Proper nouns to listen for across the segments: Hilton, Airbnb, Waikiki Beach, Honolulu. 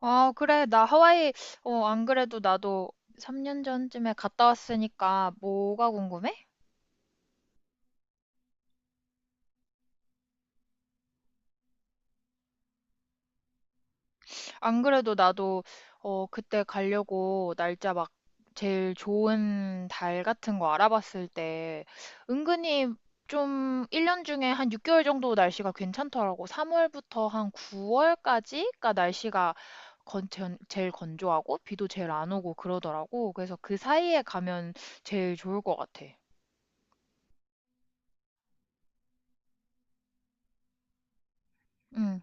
아, 그래. 나 하와이, 안 그래도 나도 3년 전쯤에 갔다 왔으니까 뭐가 궁금해? 안 그래도 나도, 그때 가려고 날짜 막 제일 좋은 달 같은 거 알아봤을 때 은근히 좀 1년 중에 한 6개월 정도 날씨가 괜찮더라고. 3월부터 한 9월까지가 날씨가 제일 건조하고 비도 제일 안 오고 그러더라고. 그래서 그 사이에 가면 제일 좋을 것 같아. 응.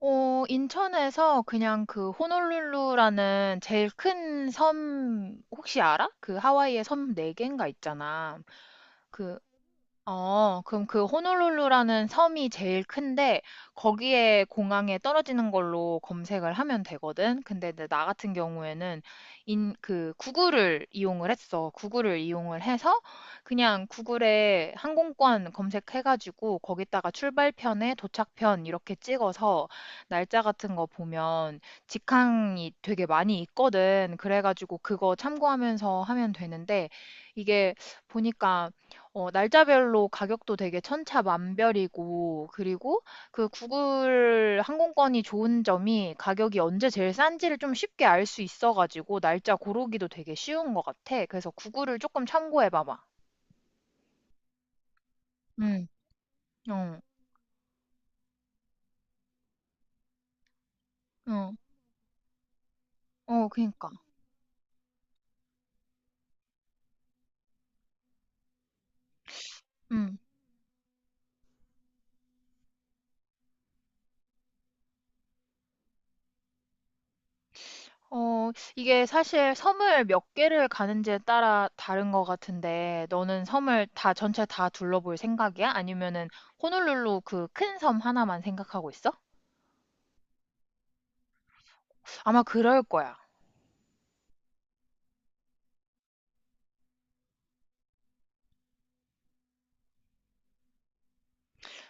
인천에서 그냥 그 호놀룰루라는 제일 큰 섬 혹시 알아? 그 하와이의 섬 네개인가 있잖아. 그 그럼 그 호놀룰루라는 섬이 제일 큰데 거기에 공항에 떨어지는 걸로 검색을 하면 되거든. 근데 이제 나 같은 경우에는 그 구글을 이용을 했어. 구글을 이용을 해서 그냥 구글에 항공권 검색해가지고 거기다가 출발편에 도착편 이렇게 찍어서 날짜 같은 거 보면 직항이 되게 많이 있거든. 그래가지고 그거 참고하면서 하면 되는데 이게 보니까 날짜별로 가격도 되게 천차만별이고, 그리고 그 구글 항공권이 좋은 점이 가격이 언제 제일 싼지를 좀 쉽게 알 수 있어가지고, 날짜 고르기도 되게 쉬운 것 같아. 그래서 구글을 조금 참고해봐봐. 응, 어, 어, 그니까. 응. 어, 이게 사실 섬을 몇 개를 가는지에 따라 다른 것 같은데, 너는 섬을 전체 다 둘러볼 생각이야? 아니면은 호놀룰루 그 큰 섬 하나만 생각하고 있어? 아마 그럴 거야.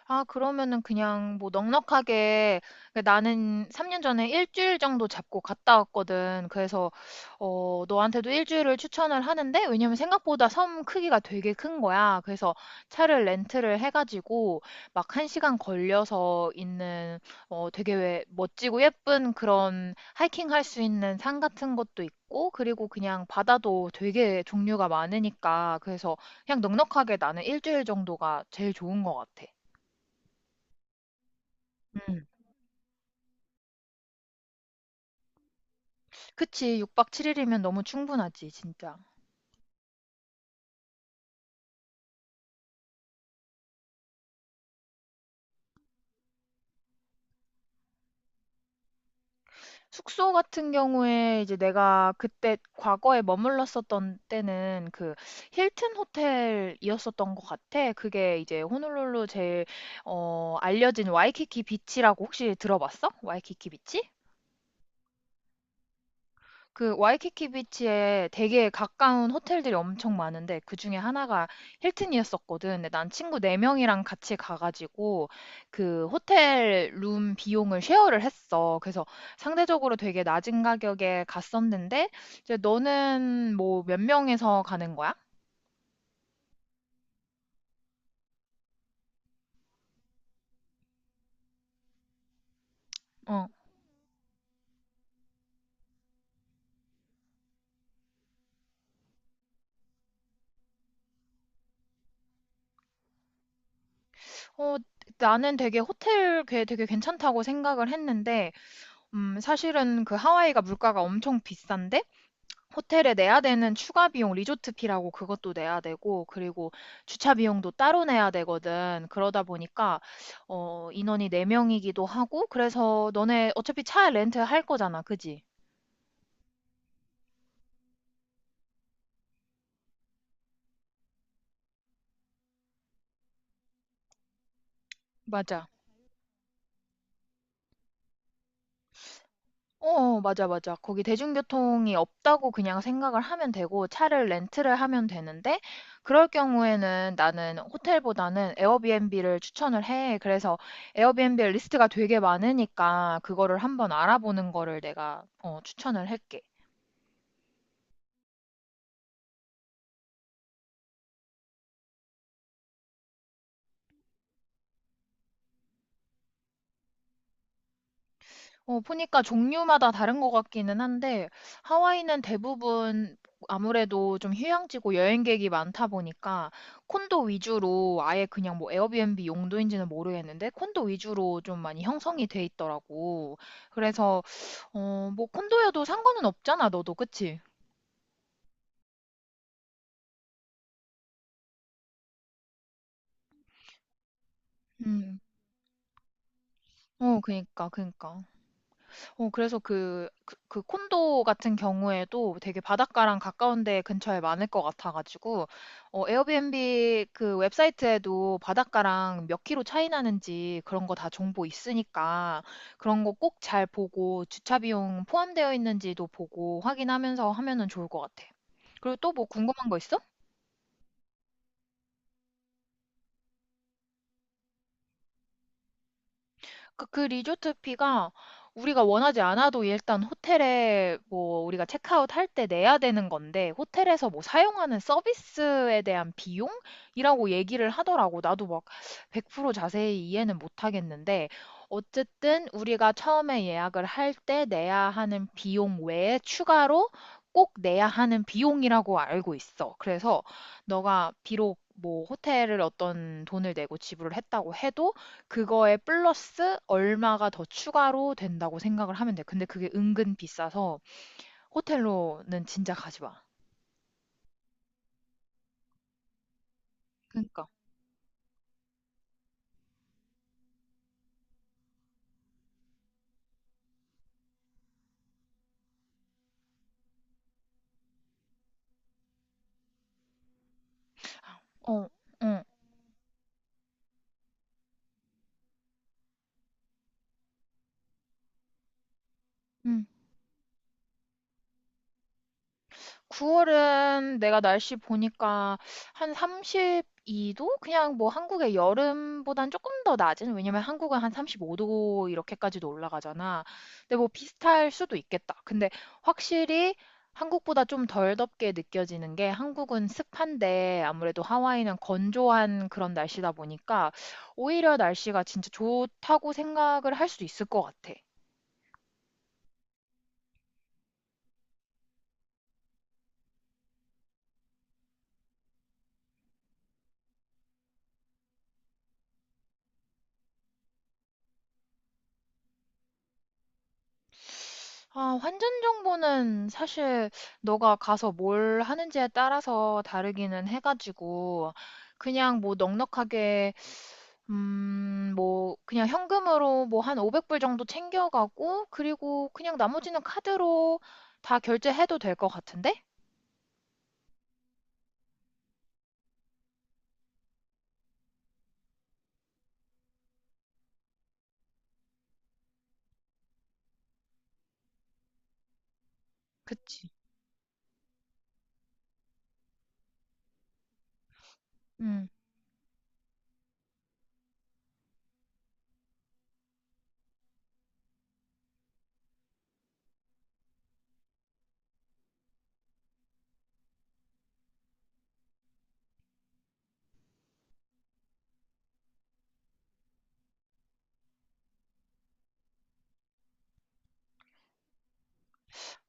아, 그러면은 그냥 뭐 넉넉하게 그러니까 나는 3년 전에 일주일 정도 잡고 갔다 왔거든. 그래서 너한테도 일주일을 추천을 하는데 왜냐면 생각보다 섬 크기가 되게 큰 거야. 그래서 차를 렌트를 해가지고 막 한 시간 걸려서 있는 되게 왜 멋지고 예쁜 그런 하이킹 할 수 있는 산 같은 것도 있고 그리고 그냥 바다도 되게 종류가 많으니까 그래서 그냥 넉넉하게 나는 일주일 정도가 제일 좋은 것 같아. 음. 그치. 6박 7 일이면 너무 충분하지, 진짜. 숙소 같은 경우에 이제 내가 그때 과거에 머물렀었던 때는 그 힐튼 호텔이었었던 것 같아. 그게 이제 호놀룰루 제일 알려진 와이키키 비치라고 혹시 들어봤어? 와이키키 비치? 그 와이키키 비치에 되게 가까운 호텔들이 엄청 많은데 그 중에 하나가 힐튼이었었거든. 근데 난 친구 네명이랑 같이 가가지고 그 호텔 룸 비용을 쉐어를 했어. 그래서 상대적으로 되게 낮은 가격에 갔었는데 이제 너는 뭐 몇 명에서 가는 거야? 어. 어, 나는 되게 호텔 꽤 되게 괜찮다고 생각을 했는데 사실은 그 하와이가 물가가 엄청 비싼데 호텔에 내야 되는 추가 비용, 리조트 피라고 그것도 내야 되고, 그리고 주차 비용도 따로 내야 되거든. 그러다 보니까, 인원이 4명이기도 하고, 그래서 너네 어차피 차 렌트 할 거잖아. 그지? 맞아. 맞아, 맞아. 거기 대중교통이 없다고 그냥 생각을 하면 되고 차를 렌트를 하면 되는데 그럴 경우에는 나는 호텔보다는 에어비앤비를 추천을 해. 그래서 에어비앤비 리스트가 되게 많으니까 그거를 한번 알아보는 거를 내가 추천을 할게. 보니까 종류마다 다른 것 같기는 한데, 하와이는 대부분 아무래도 좀 휴양지고 여행객이 많다 보니까, 콘도 위주로 아예 그냥 뭐 에어비앤비 용도인지는 모르겠는데, 콘도 위주로 좀 많이 형성이 돼 있더라고. 그래서, 뭐 콘도여도 상관은 없잖아, 너도, 그치? 음, 그니까, 그니까. 그래서 그 콘도 같은 경우에도 되게 바닷가랑 가까운 데 근처에 많을 것 같아가지고, 에어비앤비 그 웹사이트에도 바닷가랑 몇 킬로 차이 나는지 그런 거 다 정보 있으니까 그런 거 꼭 잘 보고 주차 비용 포함되어 있는지도 보고 확인하면서 하면은 좋을 것 같아. 그리고 또 뭐 궁금한 거 있어? 그 리조트비가 우리가 원하지 않아도 일단 호텔에 뭐 우리가 체크아웃 할 때 내야 되는 건데 호텔에서 뭐 사용하는 서비스에 대한 비용이라고 얘기를 하더라고. 나도 막 100% 자세히 이해는 못 하겠는데 어쨌든 우리가 처음에 예약을 할 때 내야 하는 비용 외에 추가로 꼭 내야 하는 비용이라고 알고 있어. 그래서 너가 비록 뭐 호텔을 어떤 돈을 내고 지불을 했다고 해도 그거에 플러스 얼마가 더 추가로 된다고 생각을 하면 돼. 근데 그게 은근 비싸서 호텔로는 진짜 가지 마. 그니까. 러 어, 응, 응. 9월은 내가 날씨 보니까 한 32도? 그냥 뭐 한국의 여름보단 조금 더 낮은? 왜냐면 한국은 한 35도 이렇게까지도 올라가잖아. 근데 뭐 비슷할 수도 있겠다. 근데 확실히 한국보다 좀 덜 덥게 느껴지는 게 한국은 습한데 아무래도 하와이는 건조한 그런 날씨다 보니까 오히려 날씨가 진짜 좋다고 생각을 할 수 있을 것 같아. 아, 환전 정보는 사실 너가 가서 뭘 하는지에 따라서 다르기는 해가지고, 그냥 뭐 넉넉하게, 뭐, 그냥 현금으로 뭐 한 500불 정도 챙겨가고, 그리고 그냥 나머지는 카드로 다 결제해도 될 것 같은데? 그치. 음.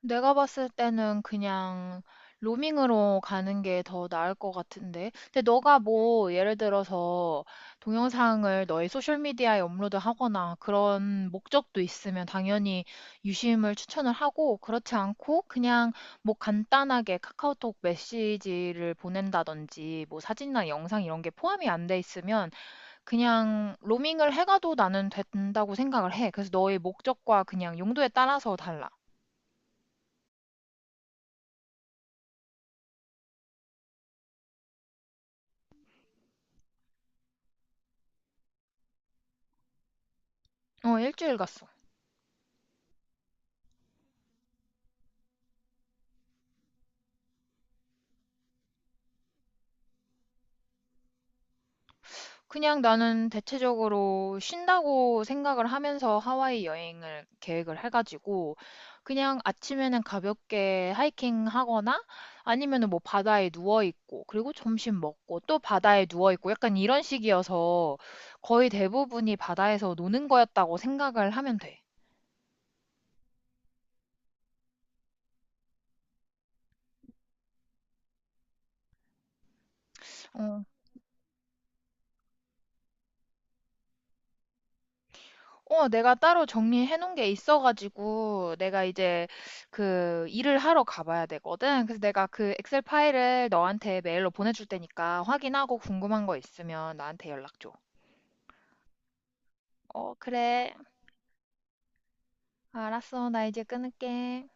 내가 봤을 때는 그냥 로밍으로 가는 게 더 나을 것 같은데. 근데 너가 뭐 예를 들어서 동영상을 너의 소셜미디어에 업로드하거나 그런 목적도 있으면 당연히 유심을 추천을 하고 그렇지 않고 그냥 뭐 간단하게 카카오톡 메시지를 보낸다든지 뭐 사진이나 영상 이런 게 포함이 안 돼 있으면 그냥 로밍을 해가도 나는 된다고 생각을 해. 그래서 너의 목적과 그냥 용도에 따라서 달라. 어, 일주일 갔어. 그냥 나는 대체적으로 쉰다고 생각을 하면서 하와이 여행을 계획을 해가지고 그냥 아침에는 가볍게 하이킹 하거나 아니면은 뭐 바다에 누워 있고 그리고 점심 먹고 또 바다에 누워 있고 약간 이런 식이어서 거의 대부분이 바다에서 노는 거였다고 생각을 하면 돼. 어, 내가 따로 정리해 놓은 게 있어가지고, 내가 이제 그 일을 하러 가봐야 되거든. 그래서 내가 그 엑셀 파일을 너한테 메일로 보내줄 테니까 확인하고 궁금한 거 있으면 나한테 연락 줘. 어, 그래. 알았어. 나 이제 끊을게.